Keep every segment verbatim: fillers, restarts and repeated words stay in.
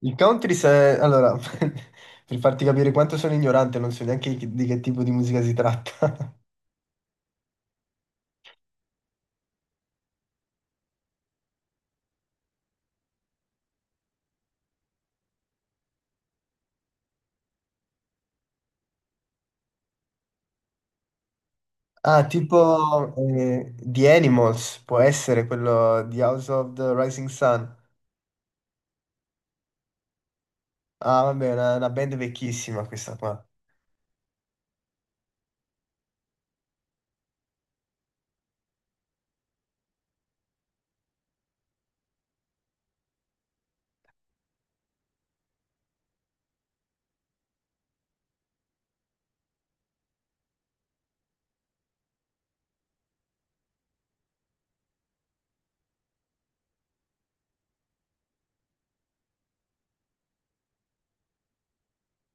Il country, se... allora, per farti capire quanto sono ignorante, non so neanche chi- di che tipo di musica si tratta. Ah, tipo eh, The Animals, può essere quello di House of the Rising Sun. Ah, vabbè, è una, una band vecchissima questa qua.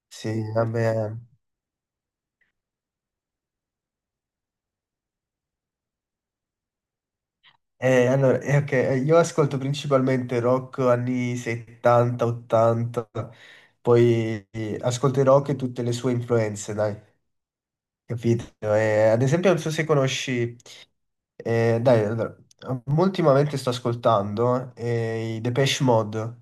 Sì, vabbè. Eh, allora, eh, ok, eh, io ascolto principalmente rock anni settanta, ottanta, poi eh, ascolto il rock e tutte le sue influenze, dai, capito? Eh, ad esempio, non so se conosci... Eh, dai, allora, um, ultimamente sto ascoltando eh, i Depeche Mode,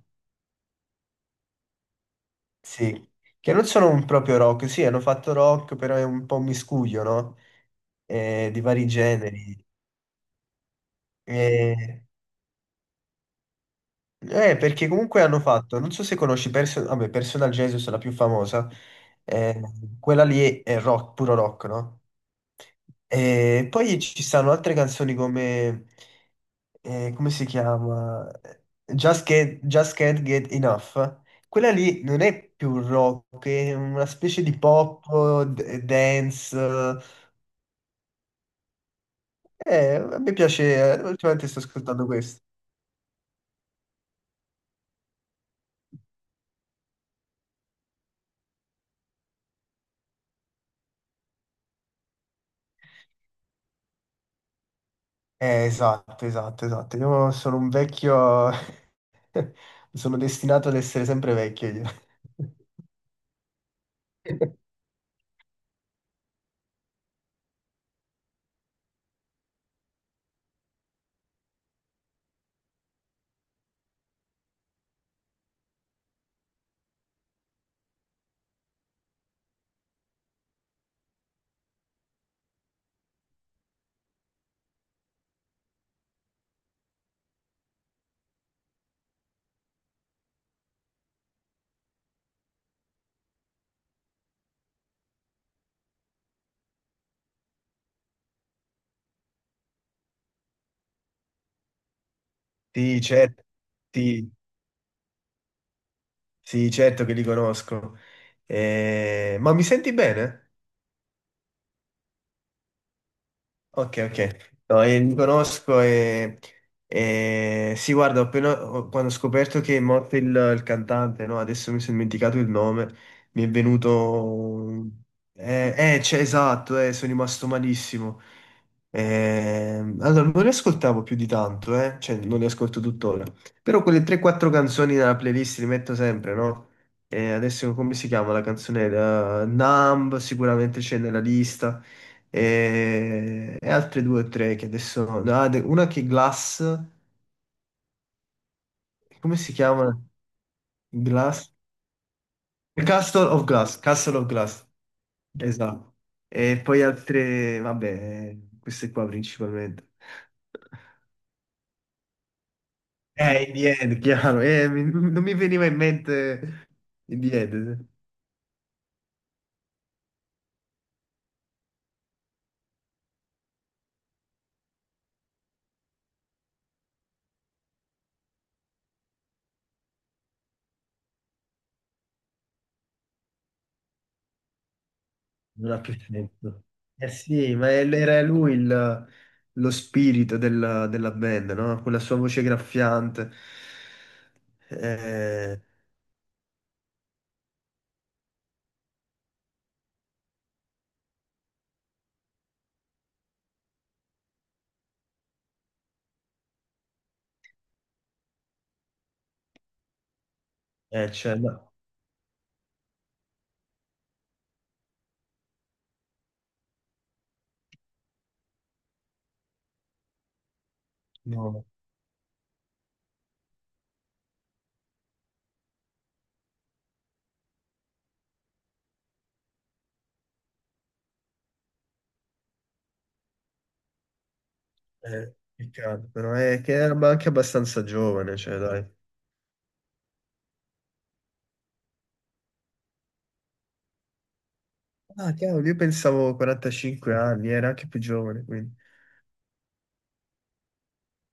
sì, che non sono un proprio rock, sì, hanno fatto rock, però è un po' un miscuglio, no? Eh, di vari generi. Eh, eh, perché comunque hanno fatto, non so se conosci Person- vabbè, Personal Jesus, la più famosa, eh, quella lì è rock, puro rock, no? E poi ci stanno altre canzoni come, eh, come si chiama? Just Can't, Just Can't Get Enough. Quella lì non è più rock, è una specie di pop, d- dance. Eh, a me piace, eh, ultimamente sto ascoltando questo. Eh, esatto, esatto, esatto. Io sono un vecchio, sono destinato ad essere sempre vecchio io. Sì, certo, sì, sì, certo che li conosco. Eh, ma mi senti bene? Ok, ok. No, eh, li conosco e, e- sì, guarda, ho appena, ho- quando ho scoperto che è morto il, il cantante, no? Adesso mi sono dimenticato il nome, mi è venuto... Eh, eh, c'è- esatto, eh, sono rimasto malissimo. Ehm, allora, non li ascoltavo più di tanto, eh? Cioè, non li ascolto tuttora. Però quelle tre quattro canzoni nella playlist li metto sempre, no? E adesso come si chiama la canzone? Eh, Numb sicuramente c'è nella lista e, e altre due o tre che adesso... no, de- una che è Glass, come si chiama? Glass? Castle of Glass, Castle of Glass, esatto. E poi altre, vabbè, queste qua principalmente. Eh, in the end, chiaro, eh, mi- non mi veniva in mente in the end. Non ha più senso. Eh sì, ma è- era lui il- lo spirito della, della band, no? Quella sua voce graffiante. Eh, eh, cioè, no, no, eh, peccato, però è che era ma anche abbastanza giovane, cioè, dai. Ah, cavolo, io pensavo quarantacinque anni, era anche più giovane, quindi.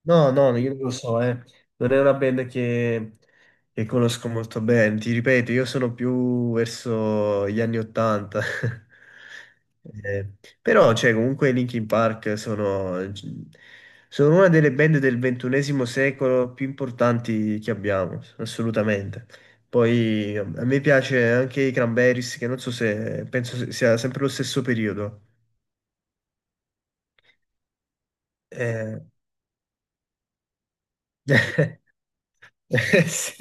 No, no, no, io non lo so, eh. Non è una band che, che conosco molto bene. Ti ripeto, io sono più verso gli anni Ottanta. Eh, però, cioè, comunque i Linkin Park sono, sono una delle band del ventunesimo secolo più importanti che abbiamo, assolutamente. Poi a me piace anche i Cranberries, che non so se penso se- sia sempre lo stesso periodo. Eh, Eh, sì.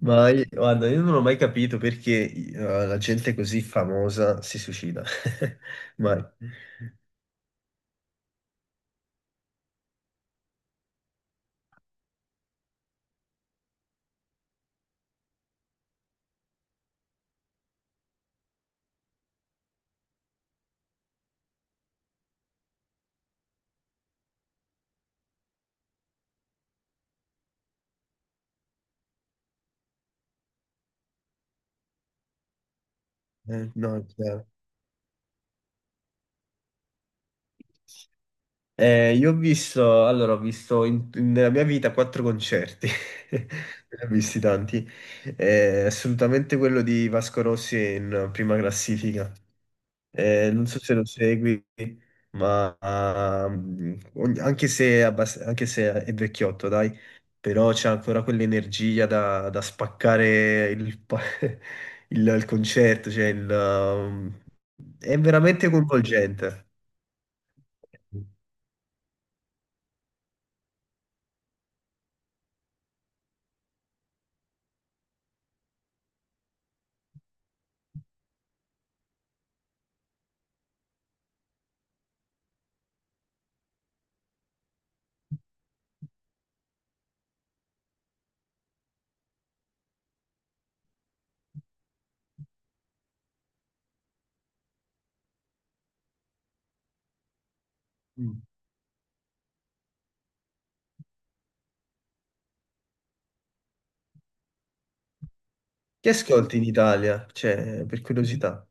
Ma io- guarda, io non ho mai capito perché eh, la gente così famosa si suicida. Mai. Eh, no, è chiaro. Eh, io ho visto, allora, ho visto in- in- nella mia vita quattro concerti, ne ho visti tanti. Eh, assolutamente quello di Vasco Rossi è in prima classifica. Eh, non so se lo segui, ma ah, ogni- anche se, è abbast- anche se è vecchiotto, dai, però c'è ancora quell'energia da, da spaccare il, pa- il- il concerto, cioè il, um, è veramente coinvolgente. Mm. Chi ascolti in Italia? Cioè, per curiosità.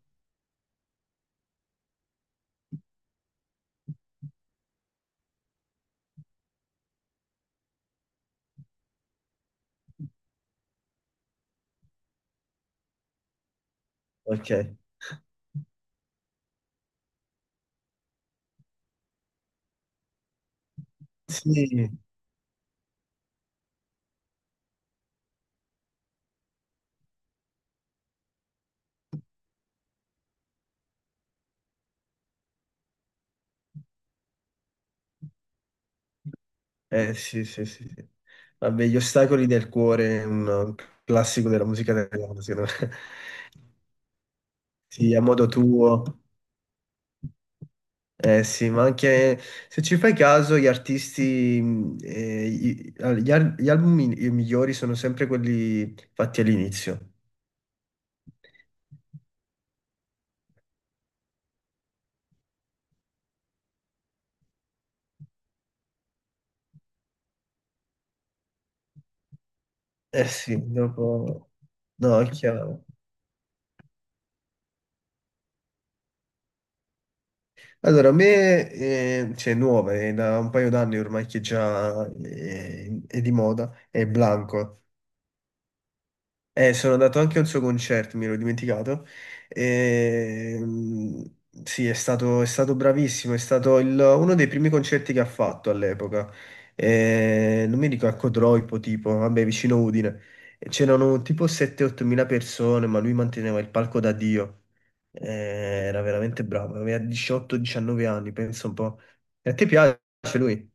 Ok. Sì, eh sì, sì, sì, sì. Vabbè, Gli ostacoli del cuore è un un classico della musica italiana, secondo me. Sì, a modo tuo. Eh sì, ma anche se ci fai caso, gli artisti, mh, eh, i- all- gli, al- gli album mi- i migliori sono sempre quelli fatti all'inizio. Eh sì, dopo... No, è chiaro. Allora, a me, eh, cioè, nuova, è da un paio d'anni ormai che già eh, è, di moda, è Blanco. Eh, sono andato anche al suo concerto, mi ero dimenticato. Ehm, sì, è stato, è stato bravissimo, è stato il- uno dei primi concerti che ha fatto all'epoca. Eh, non mi dico a Codroipo, tipo, vabbè, vicino Udine. E c'erano tipo sette otto mila persone, ma lui manteneva il palco da Dio. Eh, era veramente bravo, aveva diciotto diciannove anni, penso un po'. E a te piace lui?